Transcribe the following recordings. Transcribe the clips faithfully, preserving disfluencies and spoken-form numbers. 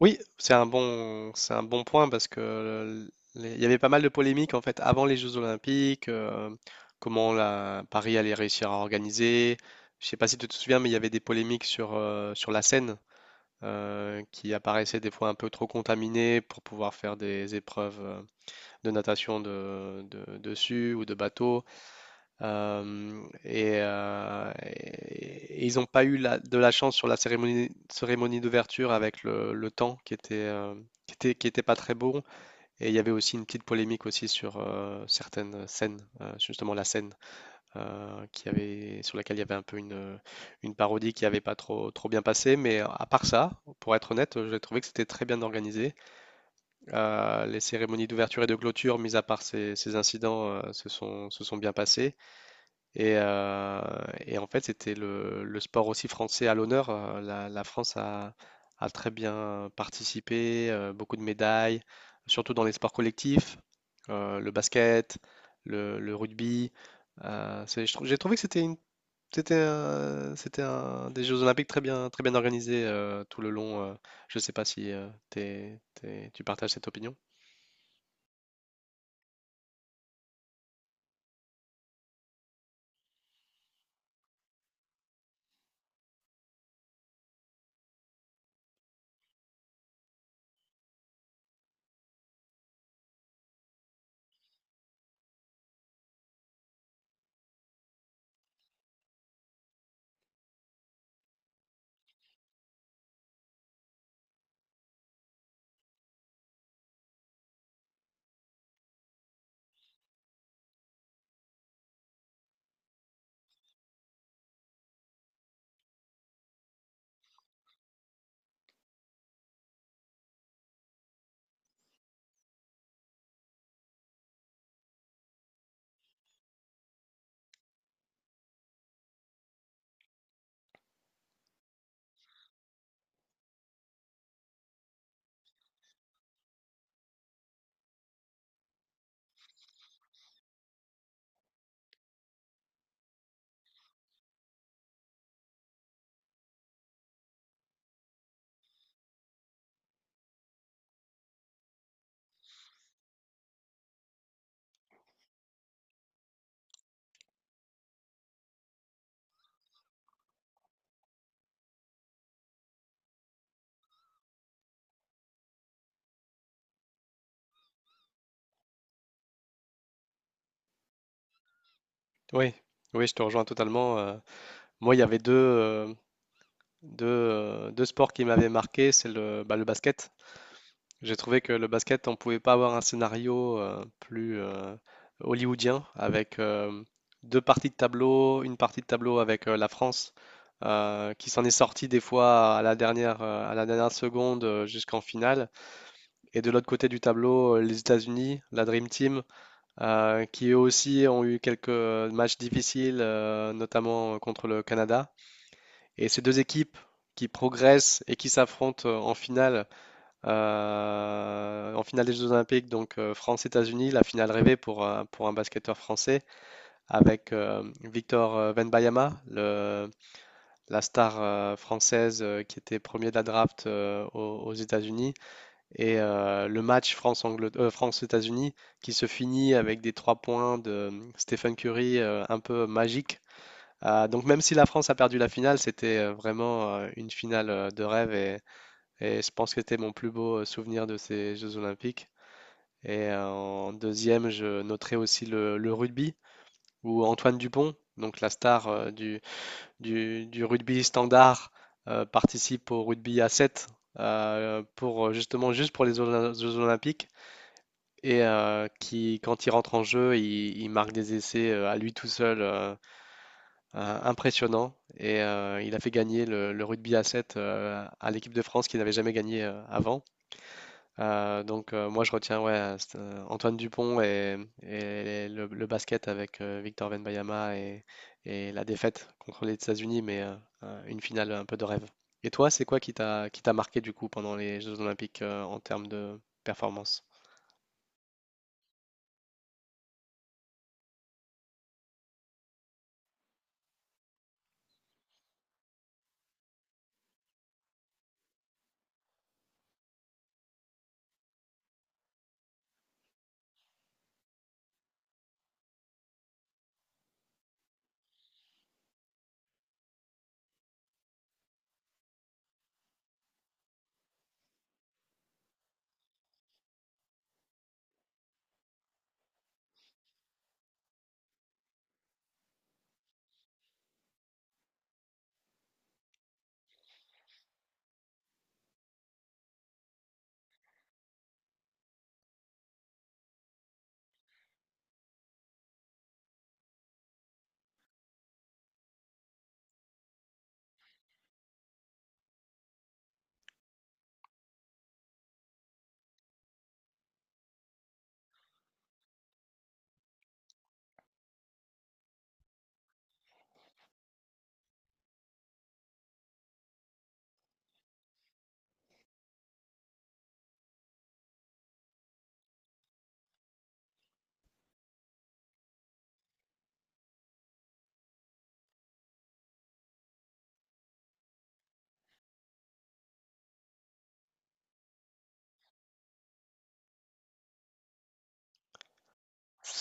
Oui, c'est un bon, c'est un bon point parce que euh, les- il y avait pas mal de polémiques en fait avant les Jeux Olympiques, euh, comment la Paris allait réussir à organiser. Je sais pas si tu te souviens, mais il y avait des polémiques sur, euh, sur la Seine euh, qui apparaissait des fois un peu trop contaminée pour pouvoir faire des épreuves euh, de natation de, de- dessus ou de bateau. Euh, et, euh, et- et ils n'ont pas eu la- de la chance sur la cérémonie, cérémonie d'ouverture avec le, le temps qui était, euh, qui était, qui était pas très bon. Et il y avait aussi une petite polémique aussi sur euh, certaines scènes, euh, justement la scène euh, qui avait, sur laquelle il y avait un peu une, une parodie qui n'avait pas trop, trop bien passé. Mais à part ça, pour être honnête, j'ai trouvé que c'était très bien organisé. Euh, les cérémonies d'ouverture et de clôture, mis à part ces, ces incidents, euh, se sont, se sont bien passées. Et, euh, et en fait, c'était le, le sport aussi français à l'honneur. Euh, La, la France a, a très bien participé, euh, beaucoup de médailles, surtout dans les sports collectifs, euh, le basket, le, le rugby. Euh, c'est- je trou- j'ai trouvé que c'était une- c'était un, c'était un- des Jeux Olympiques très bien, très bien organisés euh, tout le long. euh. Je ne sais pas si euh, t'es- t'es- tu partages cette opinion. Oui, oui, je te rejoins totalement. euh. Moi, il y avait deux. euh, deux, euh, deux sports qui m'avaient marqué, c'est le, bah, le basket. J'ai trouvé que le basket, on pouvait pas avoir un scénario euh, plus euh, hollywoodien avec euh, deux parties de tableau, une partie de tableau avec euh, la France euh, qui s'en est sortie des fois à la dernière, euh, à la dernière seconde euh, jusqu'en finale. Et de l'autre côté du tableau, euh, les États-Unis, la Dream Team, euh, qui eux aussi ont eu quelques matchs difficiles, euh, notamment contre le Canada. Et ces deux équipes qui progressent et qui s'affrontent, heu, en finale, heu, en finale des Jeux olympiques, donc heu, France-États-Unis, la finale rêvée pour un pour un basketteur français avec, hem, Victor, heu, Wembanyama, le la star, heu, française, heu, qui était premier de la draft, heu, aux aux États-Unis et heu, le match France-Anglet heu, France-États-Unis qui se finit avec des trois points de, hem, Stephen Curry, heu, un peu magiques euh, donc même si la France a perdu la finale, c'était euh, vraiment euh, une finale euh, de rêve et, et je pense que c'était mon plus beau euh, souvenir de ces Jeux Olympiques. Et euh, en deuxième, je noterai aussi le, le rugby où Antoine Dupont, donc la star euh, du, du, du rugby standard, euh, participe au rugby à sept euh, pour euh, justement juste pour les Ola- Jeux Olympiques et euh, qui quand il rentre en jeu, il, il marque des essais euh, à lui tout seul. Euh, euh, impressionnant, et euh, il a fait gagner le, le rugby à sept euh, à l'équipe de France qui n'avait jamais gagné euh, avant. Euh, donc euh, moi je retiens ouais, c'est, euh, Antoine Dupont et, et le, le basket avec euh, Victor Wembanyama et, et la défaite contre les États-Unis, mais euh, euh, une finale un peu de rêve. Et toi, c'est quoi qui t'a qui t'a marqué du coup pendant les Jeux Olympiques euh, en termes de performance?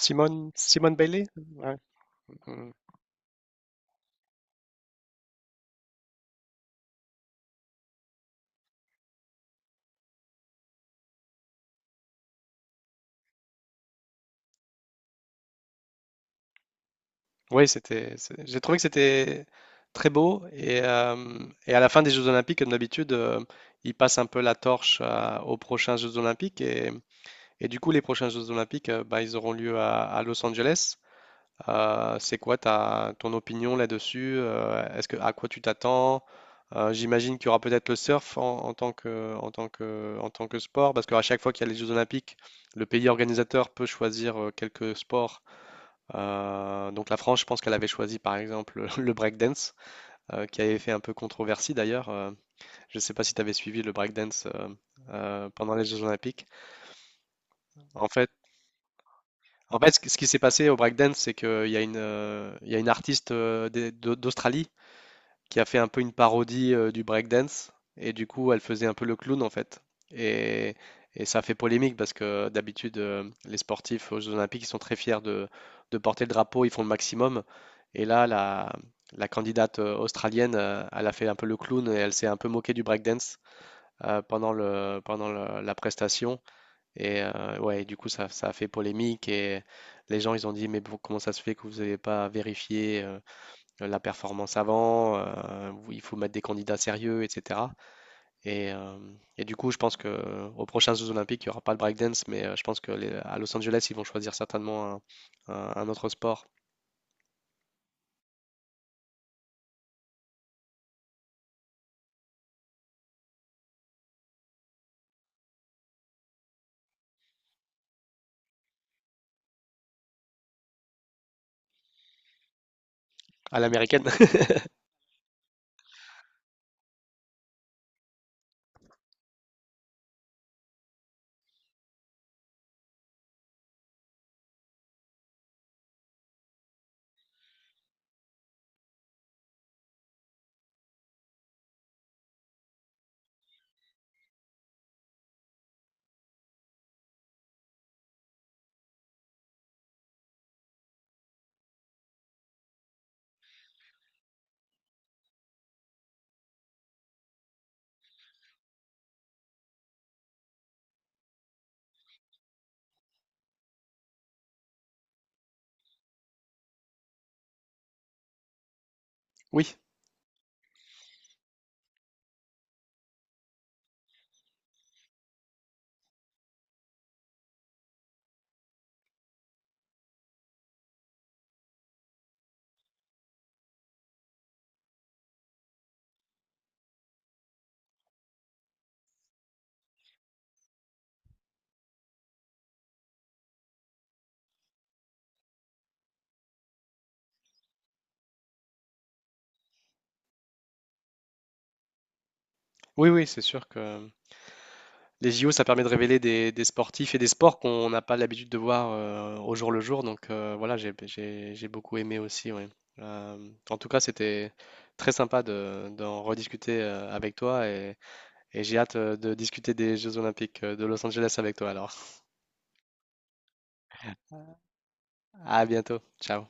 Simone, Simone Bailey? Oui, c'était, c'est- j'ai trouvé que c'était très beau. Et, euh, et à la fin des Jeux Olympiques, comme d'habitude, euh, ils passent un peu la torche à- aux prochains Jeux Olympiques. Et, et du coup, les prochains Jeux Olympiques, euh, bah, ils auront lieu à, à Los Angeles. Euh, c'est quoi ta, ton opinion là-dessus? Euh, est-ce que, à quoi tu t'attends? Euh, j'imagine qu'il y aura peut-être le surf en, en tant que, en tant que, en tant que sport, parce qu'à chaque fois qu'il y a les Jeux Olympiques, le pays organisateur peut choisir euh, quelques sports euh, donc la France, je pense qu'elle avait choisi par exemple le breakdance, euh, qui avait fait un peu controversie d'ailleurs. Euh, je ne sais pas si tu avais suivi le breakdance euh, euh, pendant les Jeux Olympiques. En fait, en fait, ce qui ce qui s'est passé au breakdance, c'est qu'il y a une, euh, il y a une artiste euh, des- d'Au- d'Australie qui a fait un peu une parodie euh, du breakdance. Et du coup, elle faisait un peu le clown en fait. Et, et ça a fait polémique parce que d'habitude, euh, les sportifs aux Jeux Olympiques, ils sont très fiers de, de porter le drapeau, ils font le maximum. Et là, la, la candidate euh, australienne, euh, elle a fait un peu le clown et elle s'est un peu moquée du breakdance euh, pendant le, pendant le- la prestation. Et euh, ouais, du coup, ça, ça a fait polémique et les gens, ils ont dit, mais bon, comment ça se fait que vous n'avez pas vérifié euh, la performance avant, euh, où il faut mettre des candidats sérieux, et cetera. Et, euh, et du coup, je pense que aux prochains Jeux Olympiques, il n'y aura pas le breakdance, mais euh, je pense que les- à Los Angeles, ils vont choisir certainement un, un- un autre sport à l'américaine. Oui, oui, oui, c'est sûr que les J O, ça permet de révéler des, des sportifs et des sports qu'on n'a pas l'habitude de voir euh, au jour le jour. Donc euh, voilà, j'ai, j'ai- j'ai beaucoup aimé aussi. Ouais. Euh, en tout cas, c'était très sympa de, d'en rediscuter euh, avec toi et Et j'ai hâte euh, de discuter des Jeux Olympiques euh, de Los Angeles avec toi alors. À bientôt. Ciao.